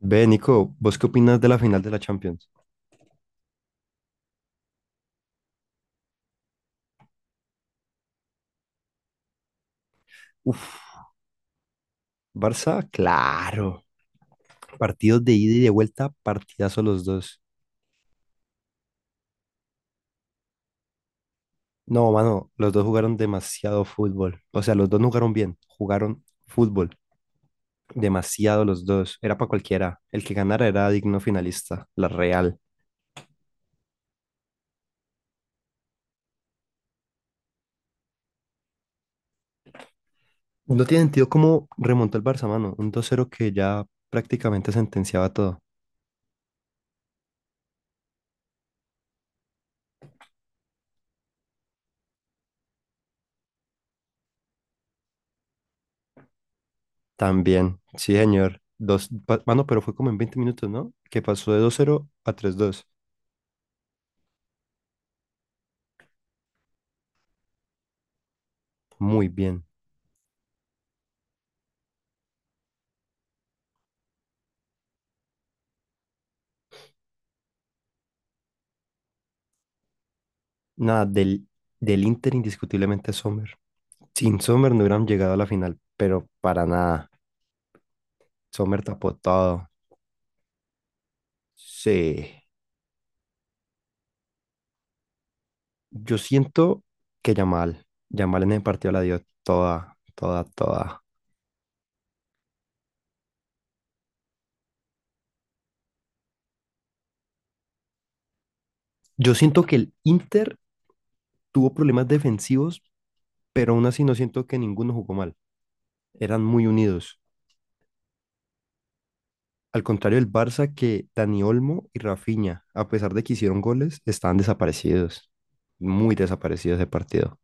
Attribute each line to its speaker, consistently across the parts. Speaker 1: Ve, Nico, ¿vos qué opinas de la final de la Champions? Uf, Barça, claro. Partidos de ida y de vuelta, partidazo los dos. No, mano, los dos jugaron demasiado fútbol. O sea, los dos no jugaron bien, jugaron fútbol. Demasiado los dos. Era para cualquiera. El que ganara era digno finalista, la Real. No tiene sentido cómo remontó el Barça, mano. Un 2-0 que ya prácticamente sentenciaba todo. También, sí, señor. Dos, mano, pero fue como en 20 minutos, ¿no? Que pasó de 2-0 a 3-2. Muy bien. Nada, del Inter indiscutiblemente Sommer. Sin Sommer no hubieran llegado a la final, pero para nada. Sommer tapó todo. Sí. Yo siento que Yamal, Yamal en el partido la dio toda, toda, toda. Yo siento que el Inter tuvo problemas defensivos, pero aún así no siento que ninguno jugó mal. Eran muy unidos. Al contrario del Barça, que Dani Olmo y Rafinha, a pesar de que hicieron goles, estaban desaparecidos. Muy desaparecidos de partido.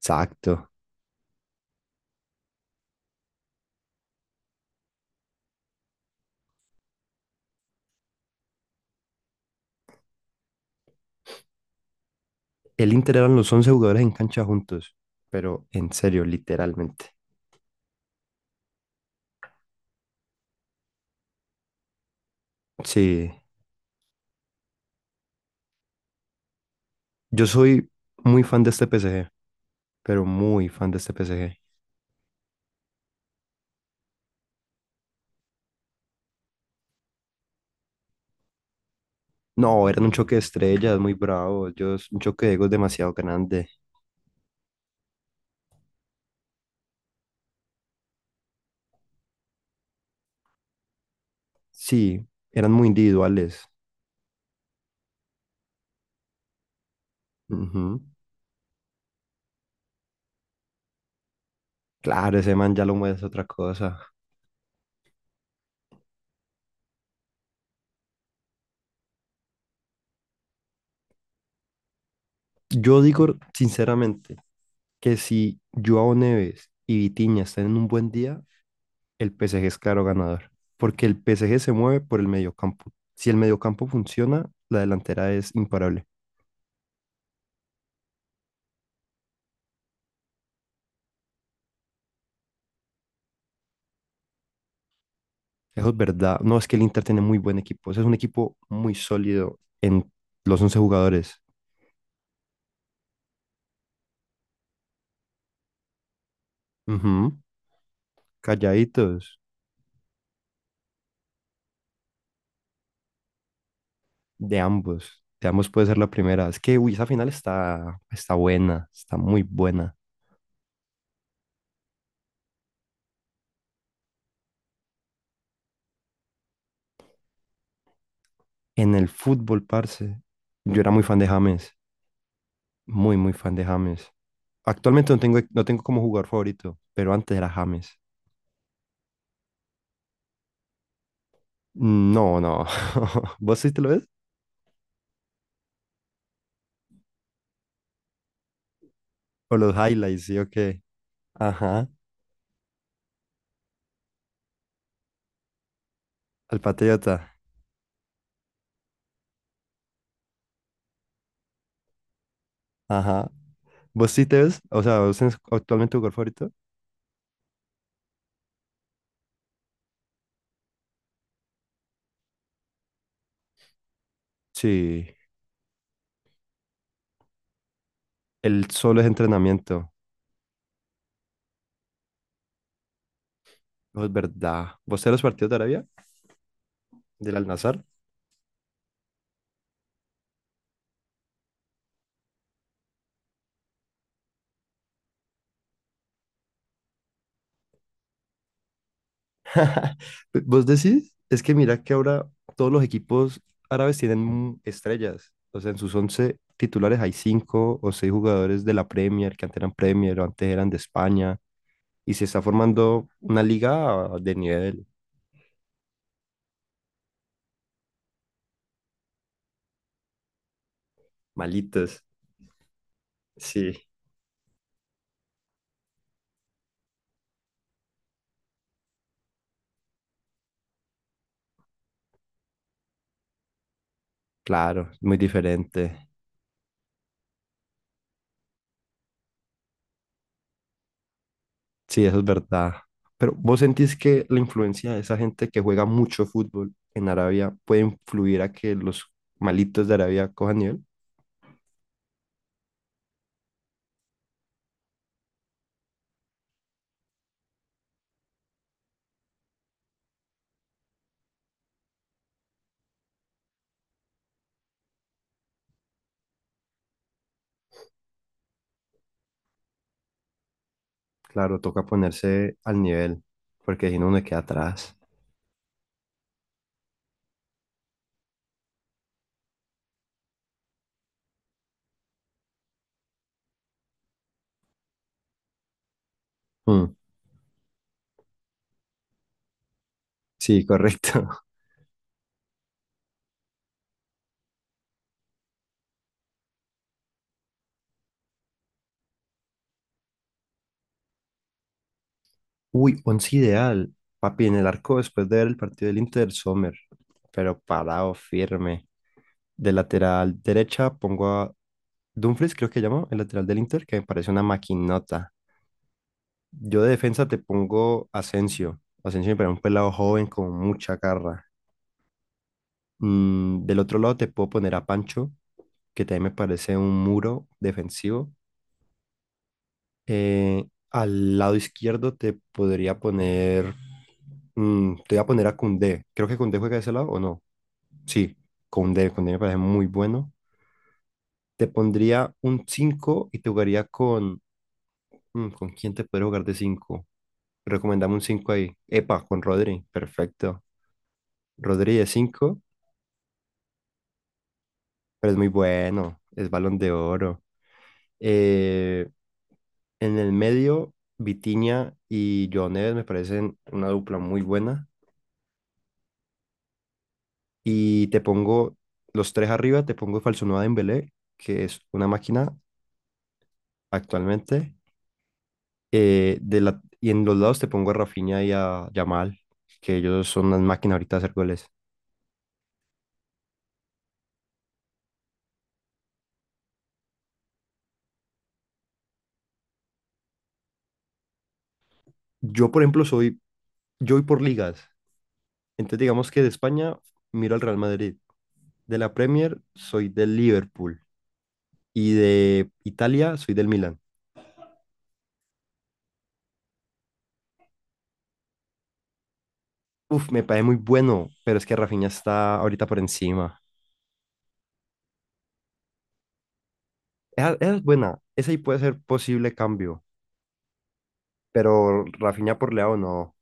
Speaker 1: Exacto. El Inter eran los 11 jugadores en cancha juntos, pero en serio, literalmente. Sí, yo soy muy fan de este PSG pero muy fan de este PSG. No, eran un choque de estrellas muy bravo, ellos, un choque de egos demasiado grande. Sí, eran muy individuales. Ujú. Claro, ese man ya lo mueve es otra cosa. Yo digo sinceramente que si Joao Neves y Vitinha están en un buen día, el PSG es claro ganador, porque el PSG se mueve por el mediocampo. Si el mediocampo funciona, la delantera es imparable. Eso es verdad. No es que el Inter tiene muy buen equipo. Ese es un equipo muy sólido en los once jugadores. Ujú, calladitos, de ambos. De ambos puede ser la primera. Es que, uy, esa final está buena, está muy buena. En el fútbol, parce, yo era muy fan de James. Muy, muy fan de James. Actualmente no tengo como jugador favorito, pero antes era James. Mm, no, no. ¿Vos sí te lo ves? ¿O los highlights, sí o qué? Ajá. Al Patriota. Ajá. ¿Vos sí te ves? O sea, ¿vos tenés actualmente tu gol favorito? Sí. El solo es entrenamiento. No es verdad. ¿Vos te ves los partidos de Arabia? ¿Del Al-Nassr? ¿Vos decís? Es que mira que ahora todos los equipos árabes tienen estrellas. O sea, en sus 11 titulares hay cinco o seis jugadores de la Premier, que antes eran Premier o antes eran de España. Y se está formando una liga de nivel. Malitos. Sí. Claro, muy diferente. Sí, eso es verdad. Pero ¿vos sentís que la influencia de esa gente que juega mucho fútbol en Arabia puede influir a que los malitos de Arabia cojan nivel? Claro, toca ponerse al nivel, porque si no uno queda atrás. Mm, sí, correcto. Uy, once ideal. Papi, en el arco después de ver el partido del Inter, Sommer, pero parado, firme. De lateral derecha pongo a Dumfries, creo que llama el lateral del Inter, que me parece una maquinota. Yo de defensa te pongo Asensio. Asensio me parece un pelado joven con mucha garra. Del otro lado te puedo poner a Pancho, que también me parece un muro defensivo. Al lado izquierdo te podría poner... te voy a poner a Koundé. Creo que Koundé juega de ese lado o no. Sí, Koundé. Koundé me parece muy bueno. Te pondría un 5 y te jugaría con... ¿con quién te podría jugar de cinco? Recomendame un 5 ahí. Epa, con Rodri. Perfecto. Rodri de 5, pero es muy bueno. Es Balón de Oro. Eh, en el medio, Vitinha y Joao Neves me parecen una dupla muy buena. Y te pongo los tres arriba, te pongo falso Falsonuada Dembélé, que es una máquina actualmente. Y en los lados te pongo a Rafinha y a Yamal, que ellos son unas máquinas ahorita de hacer goles. Yo, por ejemplo, yo voy por ligas. Entonces digamos que de España miro al Real Madrid, de la Premier soy del Liverpool y de Italia soy del Milan. Uf, me parece muy bueno, pero es que Rafinha está ahorita por encima. Esa es buena, esa ahí puede ser posible cambio, pero Rafinha por Leao no,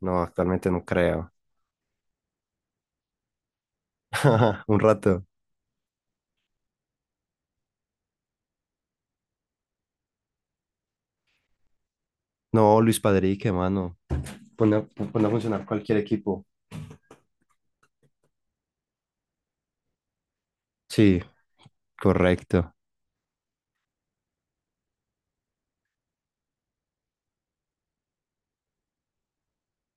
Speaker 1: no, actualmente no creo. Un rato. No, Luis Padrí, qué mano. Pone, pone a funcionar cualquier equipo. Sí, correcto.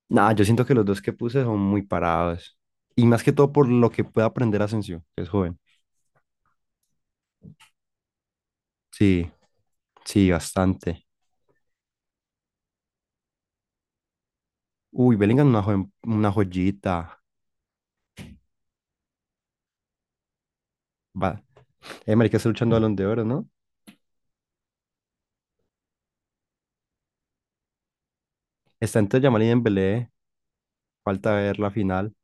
Speaker 1: Nah, yo siento que los dos que puse son muy parados. Y más que todo por lo que puede aprender Asensio, que es joven. Sí, sí, bastante. Uy, Bellingham es una joyita. Va. Marica está luchando Balón de Oro, ¿no? Está entre Yamal y Dembélé. Falta ver la final.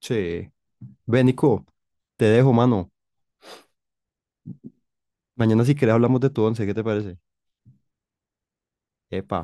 Speaker 1: Sí. Ve, Nico, te dejo, mano. Mañana si querés hablamos de tu once, ¿qué te parece? Epa.